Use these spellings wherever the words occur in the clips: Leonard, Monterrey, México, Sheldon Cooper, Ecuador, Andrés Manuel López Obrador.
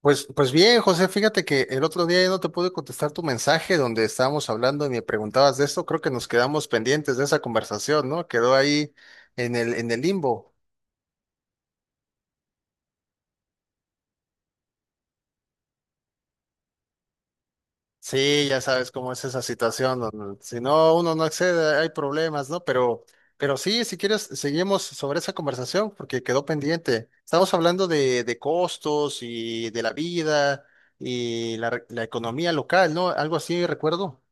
Pues bien, José, fíjate que el otro día ya no te pude contestar tu mensaje donde estábamos hablando y me preguntabas de esto. Creo que nos quedamos pendientes de esa conversación, ¿no? Quedó ahí en el limbo. Sí, ya sabes cómo es esa situación donde si no uno no accede, hay problemas, ¿no? Pero sí, si quieres, seguimos sobre esa conversación porque quedó pendiente. Estamos hablando de costos y de la vida y la economía local, ¿no? Algo así, recuerdo.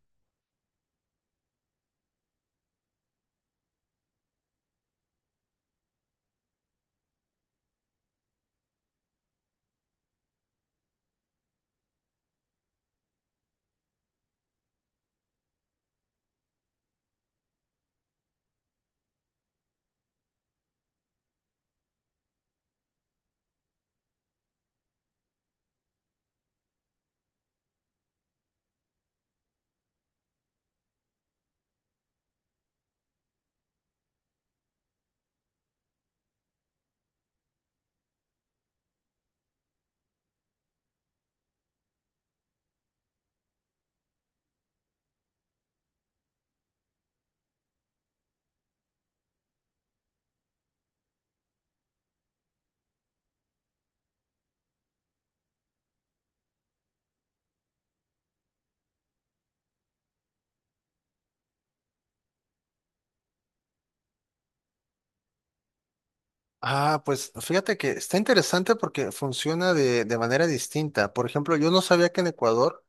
Pues fíjate que está interesante porque funciona de manera distinta. Por ejemplo, yo no sabía que en Ecuador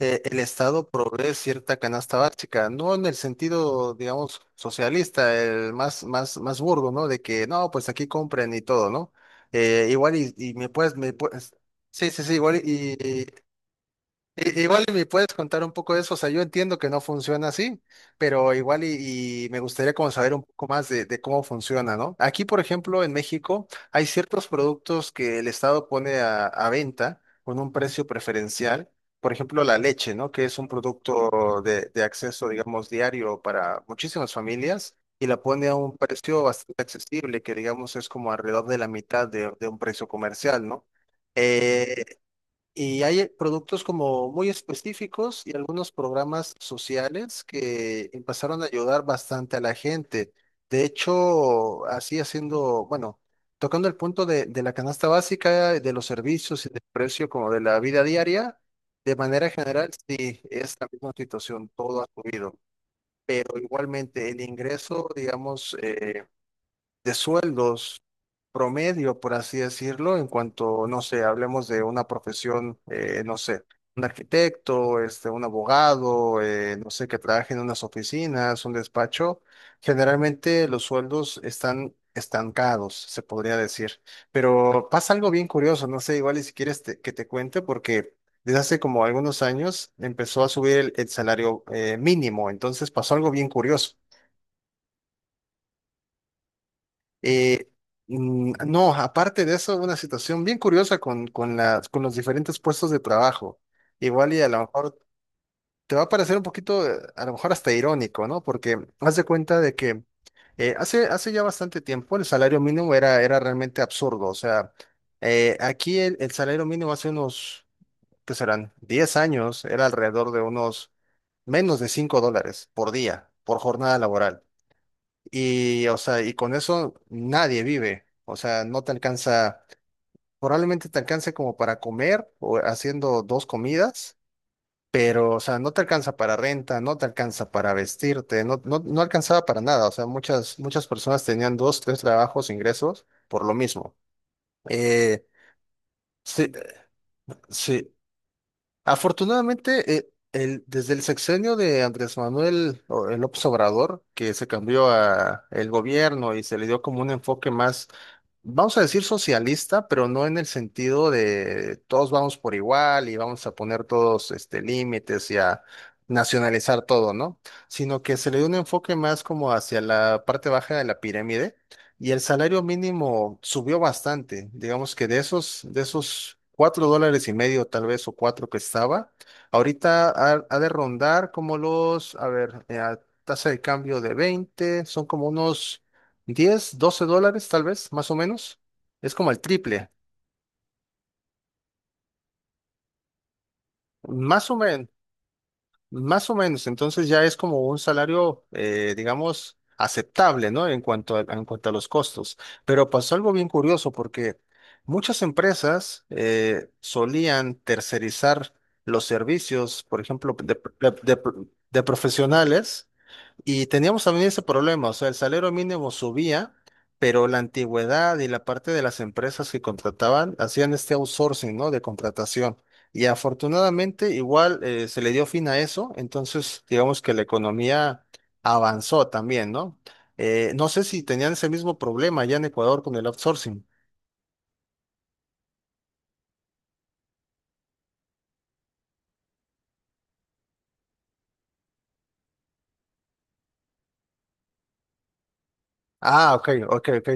el Estado provee cierta canasta básica, no en el sentido, digamos, socialista, el más, más, más burdo, ¿no? De que no, pues aquí compren y todo, ¿no? Igual y me puedes, me puedes. Sí, sí, sí, igual y, Igual y me puedes contar un poco de eso, o sea, yo entiendo que no funciona así, pero igual y me gustaría como saber un poco más de cómo funciona, ¿no? Aquí, por ejemplo, en México hay ciertos productos que el Estado pone a venta con un precio preferencial, por ejemplo, la leche, ¿no? Que es un producto de acceso, digamos, diario para muchísimas familias y la pone a un precio bastante accesible, que digamos es como alrededor de la mitad de un precio comercial, ¿no? Eh, y hay productos como muy específicos y algunos programas sociales que empezaron a ayudar bastante a la gente. De hecho, así haciendo, bueno, tocando el punto de la canasta básica, de los servicios y del precio como de la vida diaria, de manera general, sí, es la misma situación, todo ha subido. Pero igualmente el ingreso, digamos, de sueldos promedio, por así decirlo, en cuanto, no sé, hablemos de una profesión, no sé, un arquitecto, este, un abogado, no sé, que trabaje en unas oficinas, un despacho, generalmente los sueldos están estancados, se podría decir. Pero pasa algo bien curioso, no sé, igual y si quieres que te cuente, porque desde hace como algunos años empezó a subir el salario mínimo, entonces pasó algo bien curioso. Eh, no, aparte de eso, una situación bien curiosa con los diferentes puestos de trabajo. Igual y a lo mejor te va a parecer un poquito, a lo mejor hasta irónico, ¿no? Porque haz de cuenta de que hace ya bastante tiempo el salario mínimo era realmente absurdo. O sea, aquí el salario mínimo hace unos, ¿qué serán? 10 años era alrededor de unos menos de $5 por día, por jornada laboral. Y, o sea, y con eso nadie vive. O sea, no te alcanza, probablemente te alcance como para comer o haciendo dos comidas, pero, o sea, no te alcanza para renta, no te alcanza para vestirte, no, no, no alcanzaba para nada. O sea, muchas personas tenían dos, tres trabajos, ingresos por lo mismo. Eh, sí, sí. Afortunadamente, desde el sexenio de Andrés Manuel López Obrador, que se cambió a el gobierno y se le dio como un enfoque más, vamos a decir, socialista, pero no en el sentido de todos vamos por igual y vamos a poner todos este, límites y a nacionalizar todo, ¿no? Sino que se le dio un enfoque más como hacia la parte baja de la pirámide y el salario mínimo subió bastante. Digamos que de esos cuatro dólares y medio tal vez o cuatro que estaba, ahorita ha de rondar como los, a ver, a tasa de cambio de 20, son como unos 10 12 dólares tal vez, más o menos. Es como el triple, más o menos, más o menos. Entonces ya es como un salario, digamos, aceptable, ¿no? En cuanto a los costos. Pero pasó algo bien curioso porque muchas empresas solían tercerizar los servicios, por ejemplo, de profesionales. Y teníamos también ese problema, o sea, el salario mínimo subía, pero la antigüedad y la parte de las empresas que contrataban hacían este outsourcing, ¿no? De contratación. Y afortunadamente igual se le dio fin a eso, entonces digamos que la economía avanzó también, ¿no? No sé si tenían ese mismo problema allá en Ecuador con el outsourcing. Ah, ok, ok, ok.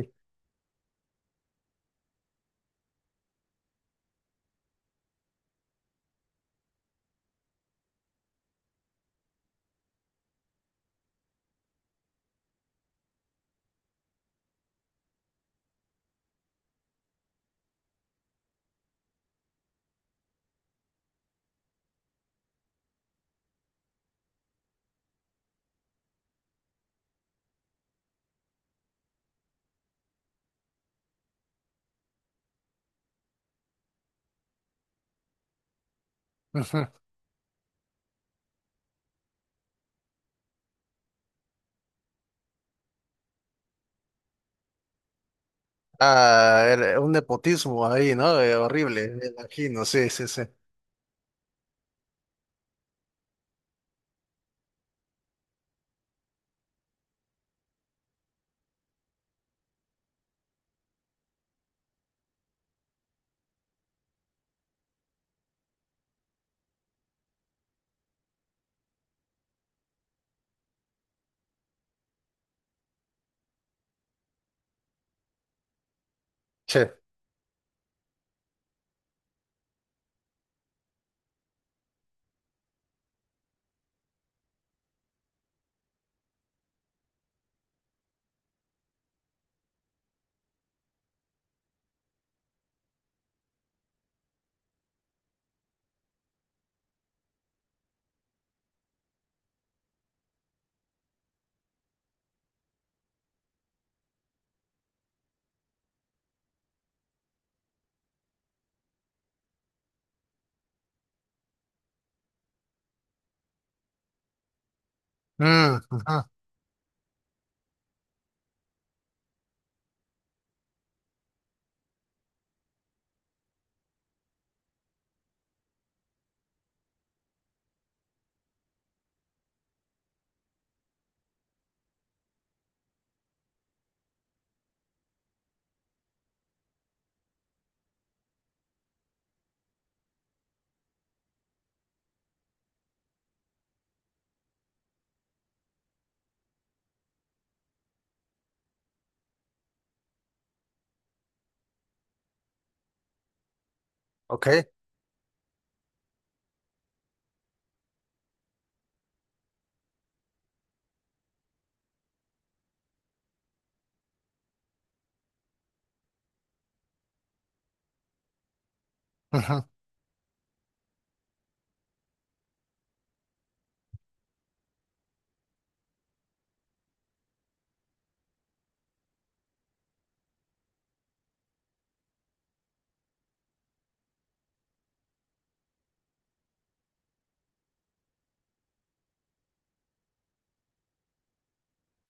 Ujú. Ah, era un nepotismo ahí, ¿no? Horrible, me imagino, sí, sí, sí. Che. Mm, ujú. Ok. Ujú.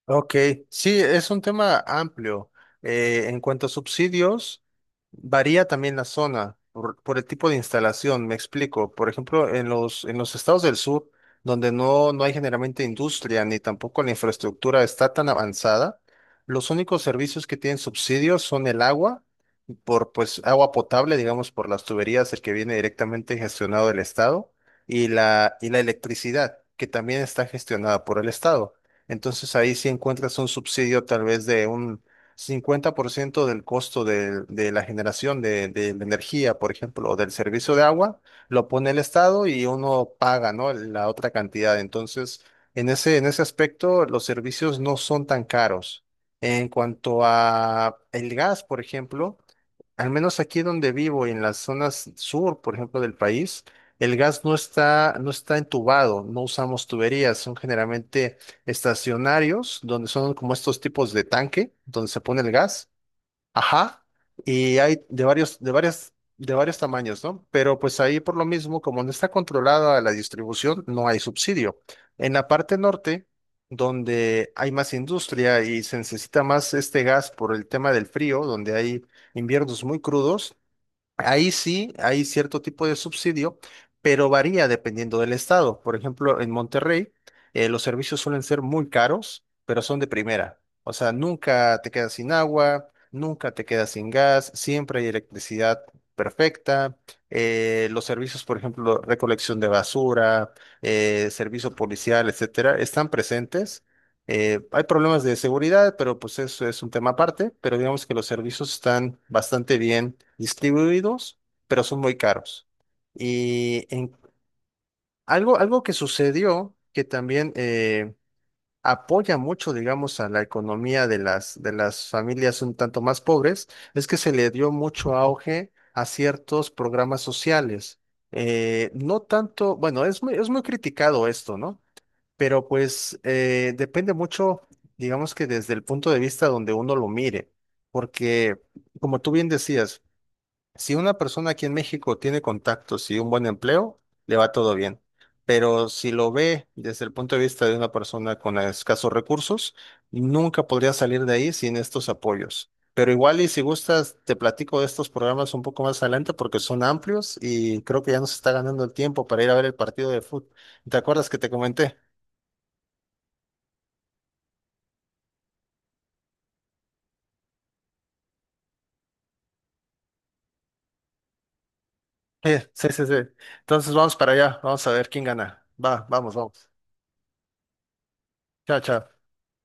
Ok, sí, es un tema amplio. En cuanto a subsidios, varía también la zona por el tipo de instalación, me explico. Por ejemplo, en los estados del sur, donde no, no hay generalmente industria ni tampoco la infraestructura está tan avanzada, los únicos servicios que tienen subsidios son el agua por pues agua potable, digamos, por las tuberías, el que viene directamente gestionado del Estado, y la electricidad, que también está gestionada por el Estado. Entonces ahí sí encuentras un subsidio tal vez de un 50% del costo de la generación de la energía, por ejemplo, o del servicio de agua, lo pone el Estado y uno paga, ¿no? La otra cantidad. Entonces, en ese aspecto, los servicios no son tan caros. En cuanto a el gas, por ejemplo, al menos aquí donde vivo, en las zonas sur, por ejemplo, del país, el gas no está, no está entubado, no usamos tuberías, son generalmente estacionarios, donde son como estos tipos de tanque, donde se pone el gas. Ajá, y hay de varios, de varias, de varios tamaños, ¿no? Pero pues ahí por lo mismo, como no está controlada la distribución, no hay subsidio. En la parte norte, donde hay más industria y se necesita más este gas por el tema del frío, donde hay inviernos muy crudos, ahí sí hay cierto tipo de subsidio, pero varía dependiendo del estado. Por ejemplo, en Monterrey, los servicios suelen ser muy caros, pero son de primera. O sea, nunca te quedas sin agua, nunca te quedas sin gas, siempre hay electricidad perfecta. Los servicios, por ejemplo, recolección de basura, servicio policial, etcétera, están presentes, hay problemas de seguridad, pero pues eso es un tema aparte, pero digamos que los servicios están bastante bien distribuidos, pero son muy caros. Y en algo que sucedió que también apoya mucho, digamos, a la economía de las familias un tanto más pobres, es que se le dio mucho auge a ciertos programas sociales. No tanto, bueno, es muy criticado esto, ¿no? Pero pues depende mucho, digamos que desde el punto de vista donde uno lo mire, porque como tú bien decías, si una persona aquí en México tiene contactos y un buen empleo, le va todo bien. Pero si lo ve desde el punto de vista de una persona con escasos recursos, nunca podría salir de ahí sin estos apoyos. Pero igual y si gustas, te platico de estos programas un poco más adelante porque son amplios y creo que ya nos está ganando el tiempo para ir a ver el partido de fútbol. ¿Te acuerdas que te comenté? Sí, sí, sí, sí. Entonces vamos para allá, vamos a ver quién gana. Va, vamos, vamos. Chao, chao.